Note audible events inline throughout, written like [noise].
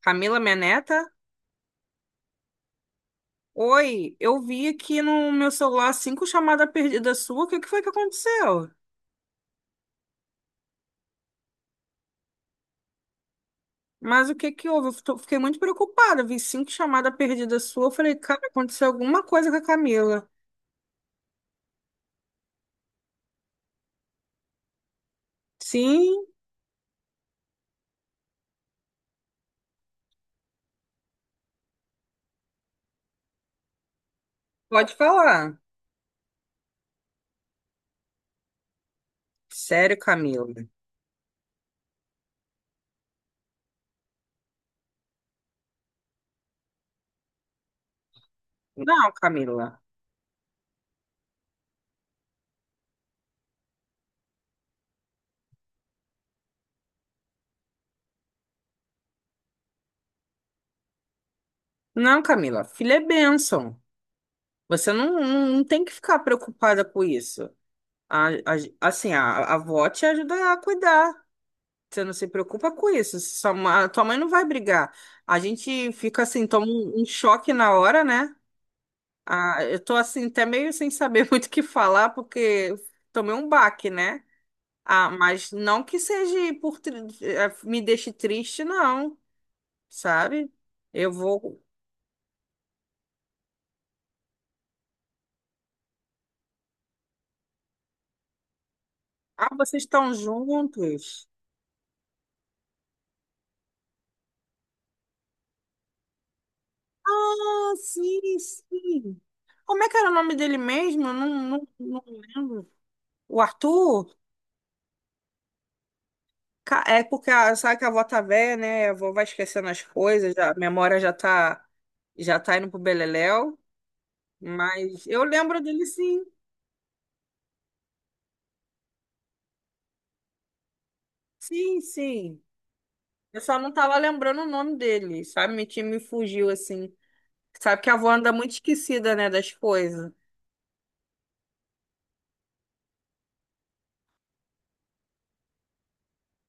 Camila, minha neta? Oi, eu vi aqui no meu celular cinco chamadas perdidas sua. O que que foi que aconteceu? Mas o que que houve? Fiquei muito preocupada. Vi cinco chamadas perdidas sua. Eu falei, cara, aconteceu alguma coisa com a Camila. Sim, pode falar. Sério, Camila? Não, Camila. Não, Camila. Filha é bênção. Você não tem que ficar preocupada com isso. A- a- assim, a avó te ajuda a cuidar. Você não se preocupa com isso. Tua mãe não vai brigar. A gente fica assim, toma um choque na hora, né? Ah, eu tô assim, até meio sem saber [laughs] muito o que falar, porque tomei um baque, né? Ah, mas não que seja por me deixe triste, não, sabe? Eu vou. Ah, vocês estão juntos. Ah, sim, sim. Como é que era o nome dele mesmo? Eu não lembro. O Arthur? É porque sabe que a avó tá velha, né? A avó vai esquecendo as coisas, a memória já tá indo pro beleléu. Mas eu lembro dele sim, sim, sim. Eu só não tava lembrando o nome dele, sabe? Me fugiu assim. Sabe que a avó anda muito esquecida, né, das coisas.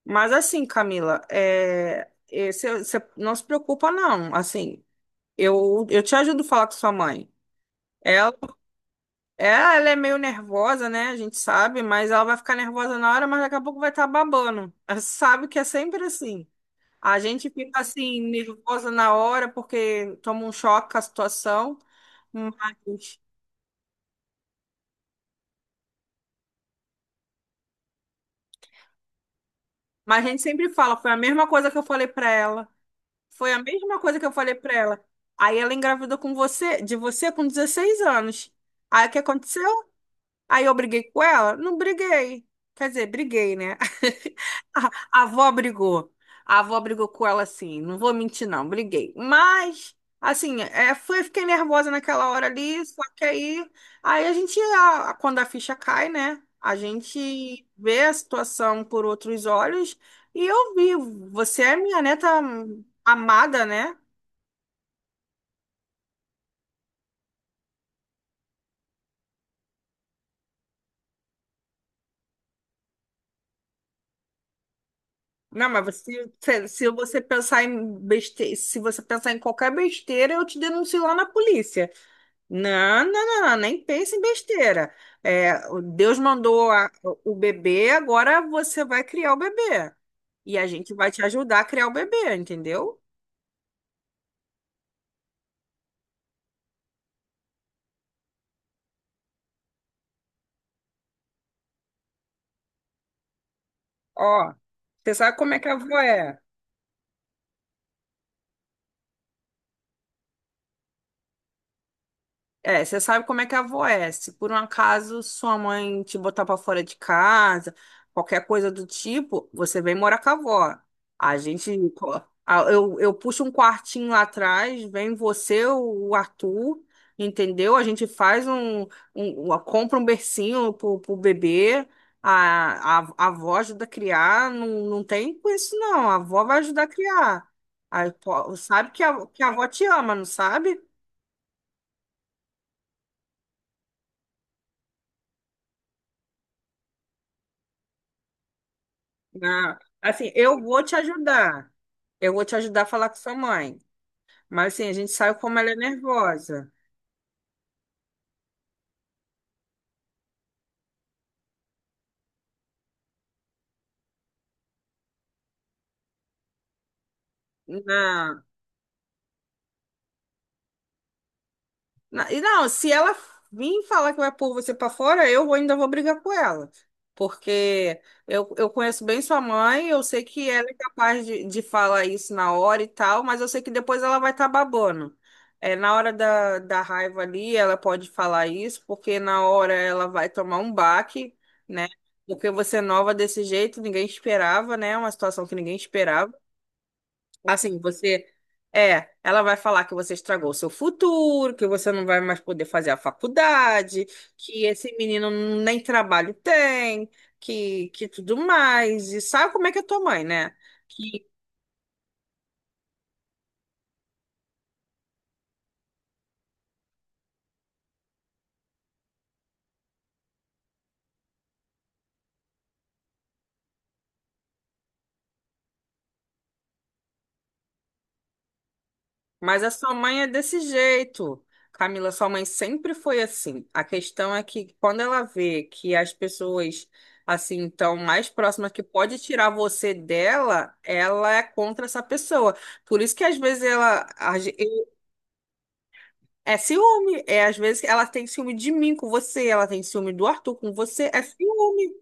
Mas assim, Camila, cê não se preocupa, não. Assim, eu te ajudo a falar com sua mãe. É, ela é meio nervosa, né? A gente sabe, mas ela vai ficar nervosa na hora, mas daqui a pouco vai estar babando. [laughs] Ela sabe que é sempre assim. A gente fica assim, nervosa na hora, porque toma um choque com a situação, mas, mas a gente sempre fala, foi a mesma coisa que eu falei pra ela. Foi a mesma coisa que eu falei pra ela. Aí ela engravidou com você, de você com 16 anos. Aí o que aconteceu? Aí eu briguei com ela? Não briguei. Quer dizer, briguei, né? [laughs] A a avó brigou. A avó brigou com ela assim. Não vou mentir, não. Briguei. Mas, assim, fiquei nervosa naquela hora ali. Só que aí, aí a gente, a- quando a ficha cai, né? A gente vê a situação por outros olhos. E eu vi. Você é minha neta amada, né? Não, mas você, se você pensar se você pensar em qualquer besteira, eu te denuncio lá na polícia. Não, nem pense em besteira. O Deus mandou o bebê, agora você vai criar o bebê. E a gente vai te ajudar a criar o bebê, entendeu? Ó, você sabe como é que a avó é? É, você sabe como é que a avó é. Se por um acaso sua mãe te botar pra fora de casa, qualquer coisa do tipo, você vem morar com a avó. A gente, a- eu puxo um quartinho lá atrás, vem você, o Arthur, entendeu? A gente faz um, um- uma- Compra um bercinho pro bebê, a avó ajuda a criar, não tem com isso não, a avó vai ajudar a criar. Aí, pô, sabe que a avó te ama, não sabe? Ah, assim, eu vou te ajudar. Eu vou te ajudar a falar com sua mãe. Mas assim, a gente sabe como ela é nervosa. Não. E não, se ela vir falar que vai pôr você pra fora, ainda vou brigar com ela. Porque eu conheço bem sua mãe, eu sei que ela é capaz de falar isso na hora e tal, mas eu sei que depois ela vai estar babando. É, na hora da raiva ali, ela pode falar isso, porque na hora ela vai tomar um baque, né? Porque você é nova desse jeito, ninguém esperava, né? Uma situação que ninguém esperava. Assim, você. É, ela vai falar que você estragou o seu futuro, que você não vai mais poder fazer a faculdade, que esse menino nem trabalho tem, que tudo mais. E sabe como é que é tua mãe, né? Que, mas a sua mãe é desse jeito. Camila, sua mãe sempre foi assim. A questão é que quando ela vê que as pessoas assim estão mais próximas que pode tirar você dela, ela é contra essa pessoa. Por isso que às vezes ela, é ciúme. É, às vezes ela tem ciúme de mim com você, ela tem ciúme do Arthur com você. É ciúme.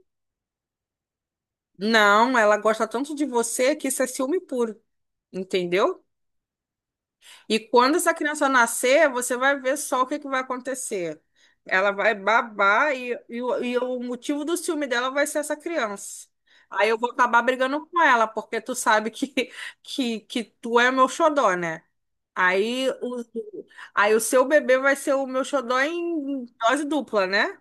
Não, ela gosta tanto de você que isso é ciúme puro. Entendeu? E quando essa criança nascer, você vai ver só o que que vai acontecer. Ela vai babar e o motivo do ciúme dela vai ser essa criança. Aí eu vou acabar brigando com ela, porque tu sabe que, [laughs] que tu é meu xodó, né? Aí o, Aí o seu bebê vai ser o meu xodó em dose dupla, né?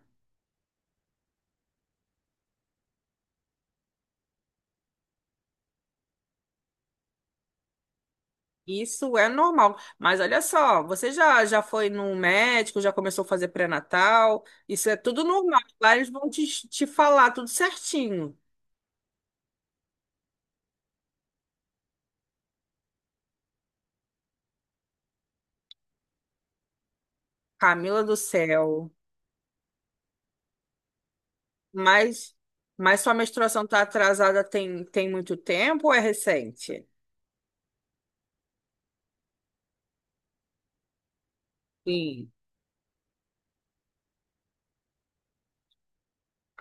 Isso é normal. Mas olha só, você já foi num médico, já começou a fazer pré-natal? Isso é tudo normal. Lá eles vão te falar tudo certinho. Camila do céu. Mas, mas sua menstruação tá atrasada tem muito tempo ou é recente? Sim.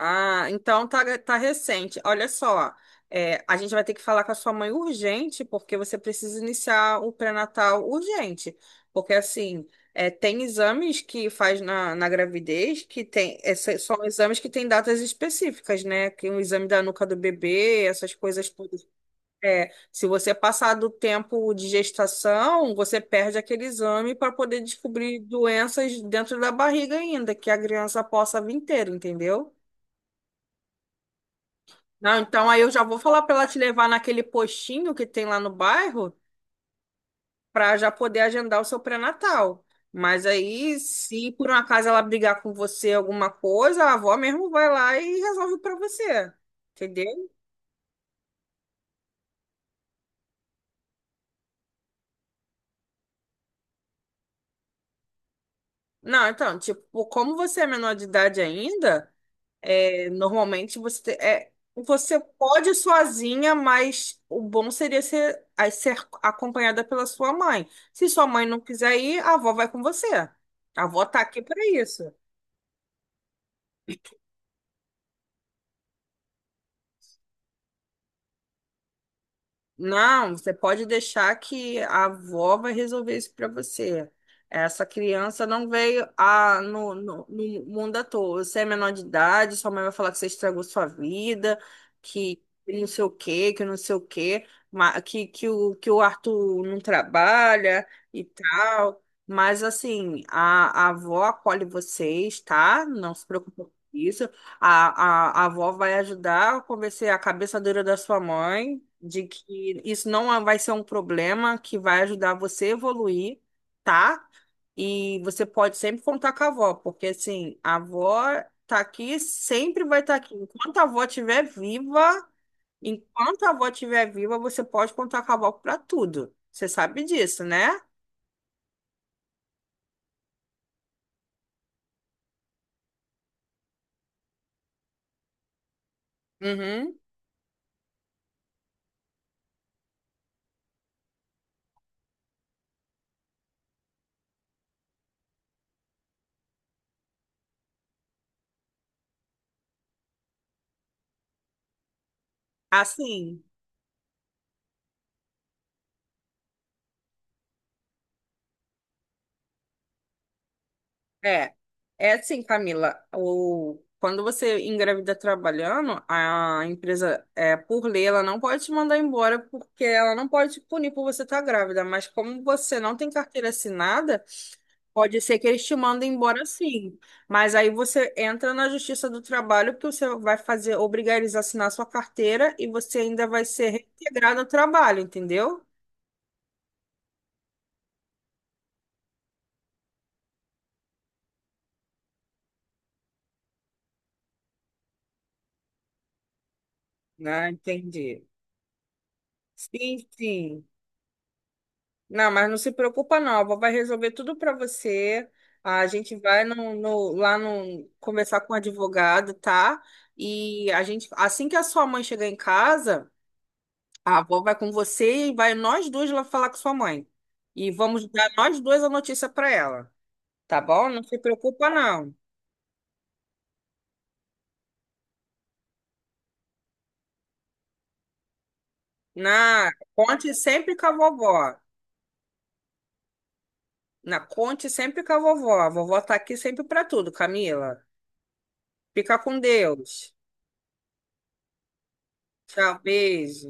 Ah, então tá, é, tá recente. Olha só, é, a gente vai ter que falar com a sua mãe urgente, porque você precisa iniciar o pré-natal urgente. Porque, assim, é, tem exames que faz na gravidez que tem, são exames que têm datas específicas, né? Que o exame da nuca do bebê, essas coisas todas. É, se você passar do tempo de gestação, você perde aquele exame para poder descobrir doenças dentro da barriga ainda, que a criança possa vir ter, entendeu? Não, então aí eu já vou falar para ela te levar naquele postinho que tem lá no bairro para já poder agendar o seu pré-natal. Mas aí, se por um acaso ela brigar com você alguma coisa, a avó mesmo vai lá e resolve para você. Entendeu? Não, então, tipo, como você é menor de idade ainda, é, normalmente você pode ir sozinha, mas o bom seria ser, aí ser acompanhada pela sua mãe. Se sua mãe não quiser ir, a avó vai com você. A avó tá aqui para isso. Não, você pode deixar que a avó vai resolver isso para você. Essa criança não veio a, no, no, no mundo à toa. Você é menor de idade, sua mãe vai falar que você estragou sua vida, que não sei o quê, que não sei o quê, que o Arthur não trabalha e tal. Mas, assim, a avó acolhe vocês, tá? Não se preocupe com isso. A avó vai ajudar a convencer a cabeça dura da sua mãe de que isso não é, vai ser um problema, que vai ajudar você a evoluir, tá? E você pode sempre contar com a avó, porque assim, a avó tá aqui, sempre vai estar aqui. Enquanto a avó estiver viva, enquanto a avó estiver viva, você pode contar com a avó para tudo. Você sabe disso, né? Uhum. Assim. É, é assim, Camila, o, quando você engravida trabalhando, a empresa, é, por lei, ela não pode te mandar embora porque ela não pode te punir por você estar grávida, mas como você não tem carteira assinada, pode ser que eles te mandem embora sim. Mas aí você entra na Justiça do Trabalho porque você vai fazer, obrigar eles a assinar sua carteira e você ainda vai ser reintegrado ao trabalho, entendeu? Ah, entendi. Sim, sim. Não, mas não se preocupa não, a vovó vai resolver tudo para você. A gente vai no, no- Lá no, conversar com o advogado, tá? E a gente, assim que a sua mãe chegar em casa, a avó vai com você e vai nós dois lá falar com sua mãe. E vamos dar nós dois a notícia para ela, tá bom? Não se preocupa não. Na, conte sempre com a vovó. Na, conte sempre com a vovó. A vovó tá aqui sempre para tudo, Camila. Fica com Deus. Tchau, beijo.